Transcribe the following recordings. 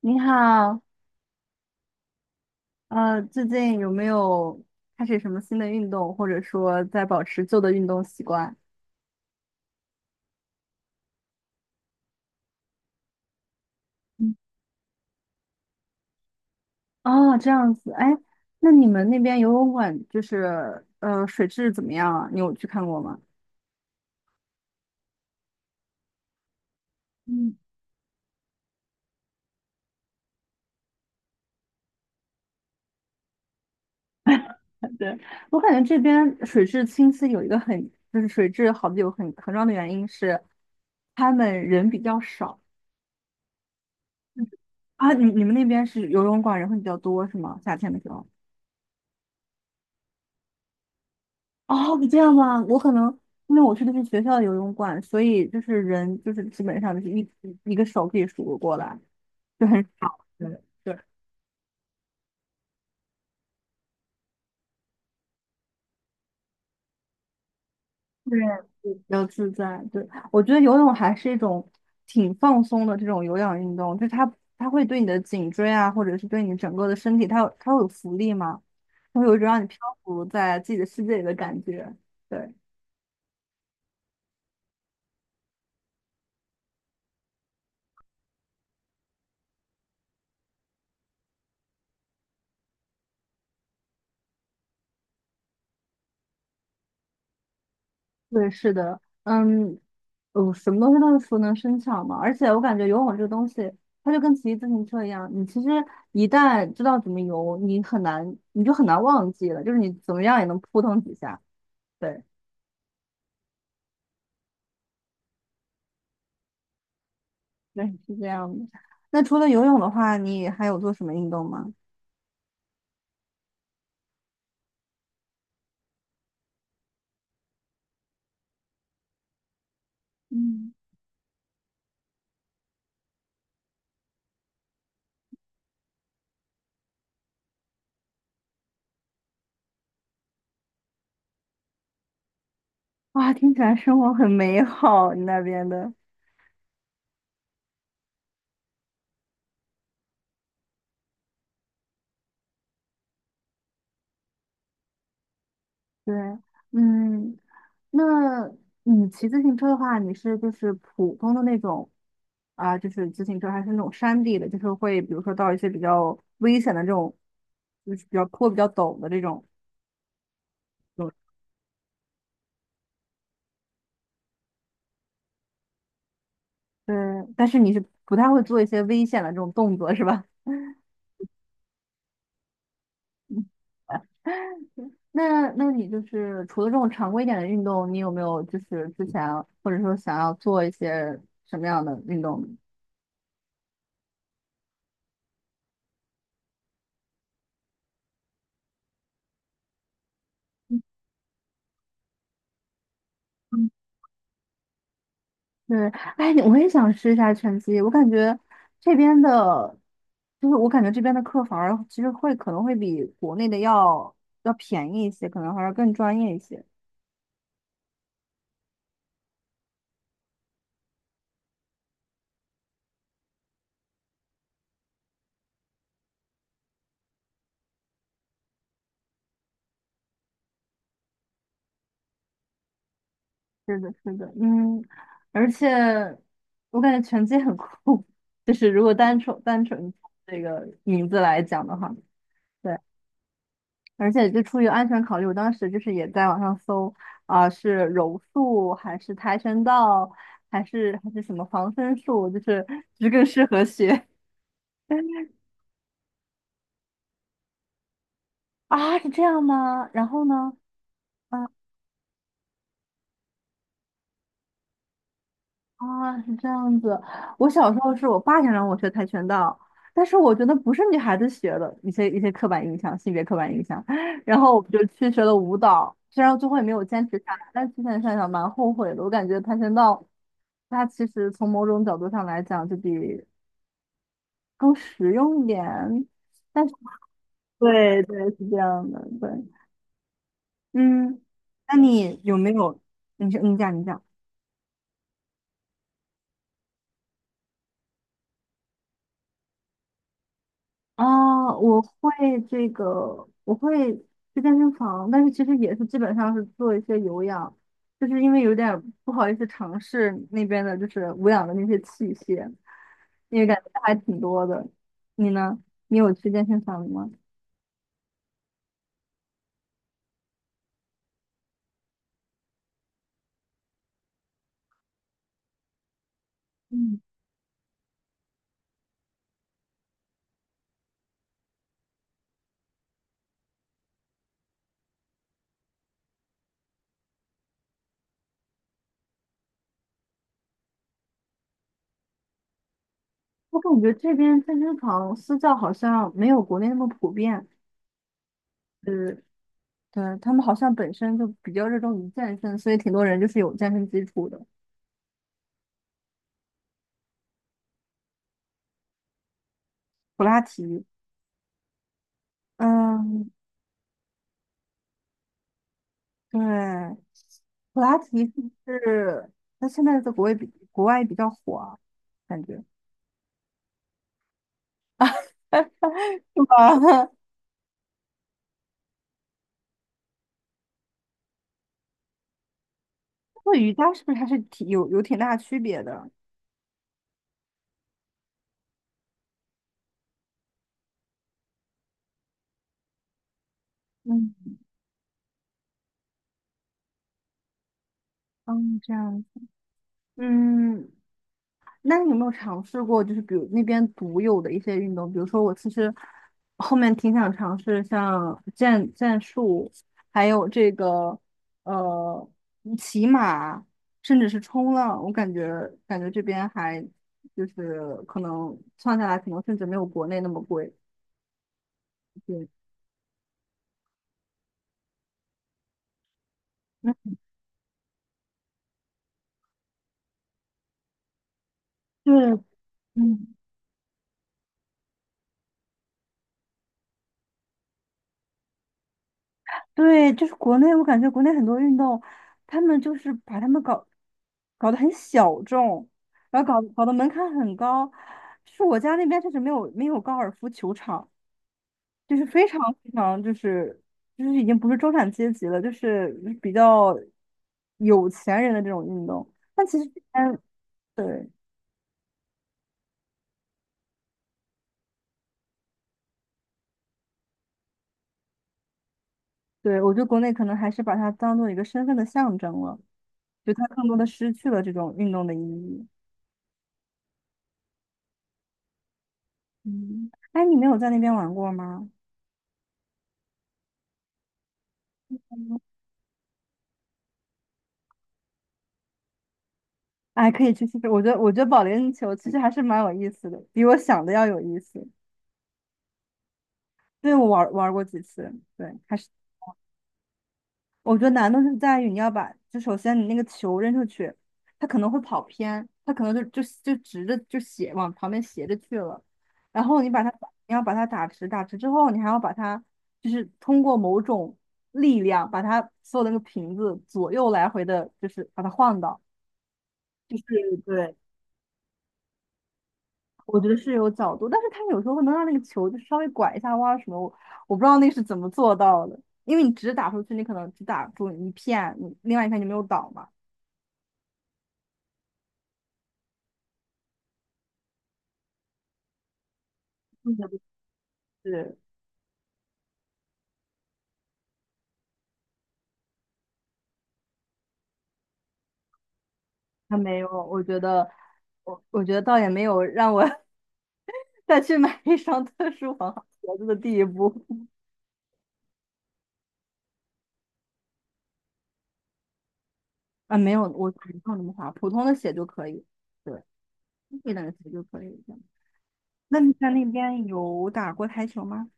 你好，最近有没有开始什么新的运动，或者说在保持旧的运动习惯？嗯。哦，这样子，哎，那你们那边游泳馆就是水质怎么样啊？你有去看过吗？嗯，对，我感觉这边水质清晰有一个就是水质好的有很重要的原因是，他们人比较少。啊。你们那边是游泳馆人会比较多是吗？夏天的时候？哦，这样吗？我可能因为我去的是学校的游泳馆，所以就是人就是基本上就是一个手可以数得过来，就很少。对。对，对，就比较自在。对，我觉得游泳还是一种挺放松的这种有氧运动，就是它会对你的颈椎啊，或者是对你整个的身体，它会有浮力嘛，它会有一种让你漂浮在自己的世界里的感觉。对。对，是的，嗯，什么东西都是熟能生巧嘛。而且我感觉游泳这个东西，它就跟骑自行车一样，你其实一旦知道怎么游，你就很难忘记了，就是你怎么样也能扑腾几下。对，对，是这样的。那除了游泳的话，你还有做什么运动吗？嗯，哇，听起来生活很美好，你那边的。对，嗯，那你骑自行车的话，你是就是普通的那种就是自行车，还是那种山地的，就是会比如说到一些比较危险的这种，就是比较坡比较陡的这种，对，但是你是不太会做一些危险的这种动作，是吧？嗯。那那你就是除了这种常规一点的运动，你有没有就是之前或者说想要做一些什么样的运动呢？对，哎，我也想试一下拳击。我感觉这边的，就是我感觉这边的课反而其实会可能会比国内的要便宜一些，可能还要更专业一些。是的，是的，嗯，而且我感觉拳击很酷，就是如果单纯这个名字来讲的话，对。而且就出于安全考虑，我当时就是也在网上搜是柔术还是跆拳道，还是什么防身术，就是更适合学 啊，是这样吗？然后呢？啊。啊，是这样子。我小时候是我爸想让我学跆拳道，但是我觉得不是女孩子学的，一些刻板印象，性别刻板印象。然后我就去学了舞蹈，虽然最后也没有坚持下来，但之前想想蛮后悔的。我感觉跆拳道，它其实从某种角度上来讲，就比更实用一点。但是，对对，是这样的，对，嗯，那你有没有？你是你讲。啊，我会我会去健身房，但是其实也是基本上是做一些有氧，就是因为有点儿不好意思尝试那边的，就是无氧的那些器械，因为感觉还挺多的。你呢？你有去健身房吗？嗯，我感觉这边健身房私教好像没有国内那么普遍，就是对，他们好像本身就比较热衷于健身，所以挺多人就是有健身基础的，普拉提。嗯，对，普拉提是不是那现在在国外比较火啊？感觉 是吧？那瑜伽是不是还是挺有有挺大区别的？嗯，哦，这样，嗯，那你有没有尝试过，就是比如那边独有的一些运动？比如说，我其实后面挺想尝试像剑术，还有这个呃骑马，甚至是冲浪。我感觉这边还就是可能算下来，可能甚至没有国内那么贵。对，嗯，对，嗯。对，就是国内，我感觉国内很多运动，他们就是把他们搞得很小众，然后搞得门槛很高。就是我家那边确实没有高尔夫球场，就是非常就是就是已经不是中产阶级了，就是比较有钱人的这种运动。但其实这边，对对，我觉得国内可能还是把它当做一个身份的象征了，就它更多的失去了这种运动的意义。嗯，哎，你没有在那边玩过吗？哎，可以去试试。我觉得保龄球其实还是蛮有意思的，比我想的要有意思。对，我玩过几次，对，还是我觉得难度是在于你要把，就首先你那个球扔出去，它可能会跑偏，它可能就直着就斜往旁边斜着去了，然后你要把它打直，打直之后，你还要把它就是通过某种力量把它所有的那个瓶子左右来回的，就是把它晃到，就是对。我觉得是有角度，但是他有时候会能让那个球就稍微拐一下弯儿什么，我不知道那是怎么做到的，因为你只打出去，你可能只打中一片，你另外一片就没有倒嘛。嗯。就是他没有，我觉得倒也没有让我 再去买一双特殊防滑鞋子的地步。啊，没有，我没有那么滑，普通的鞋就可以，对，贵点的鞋就可以这样。那你在那边有打过台球吗？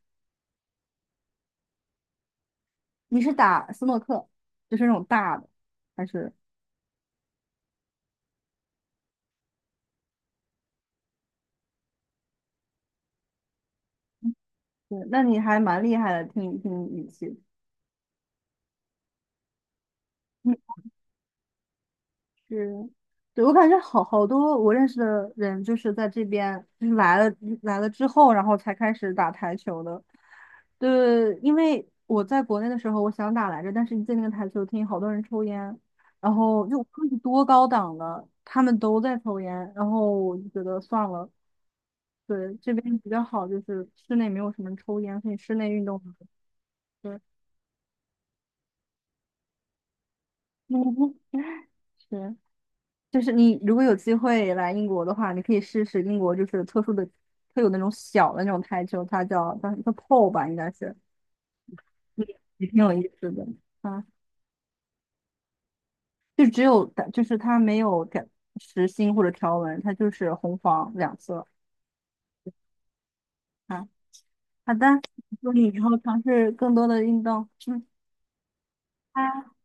你是打斯诺克，就是那种大的，还是？对，那你还蛮厉害的，听听语气，嗯，是，对，我感觉好好多我认识的人就是在这边，就是来了之后，然后才开始打台球的。对，因为我在国内的时候，我想打来着，但是一进那个台球厅，好多人抽烟，然后又科技多高档的，他们都在抽烟，然后我就觉得算了。对，这边比较好，就是室内没有什么抽烟，所以室内运动很多。对，是。就是你如果有机会来英国的话，你可以试试英国就是特殊的、特有那种小的那种台球，它叫 pole 吧，应该是，嗯。也挺有意思的。啊，就只有就是它没有改实心或者条纹，它就是红黄两色。啊，好的，祝你以后尝试更多的运动。嗯，拜。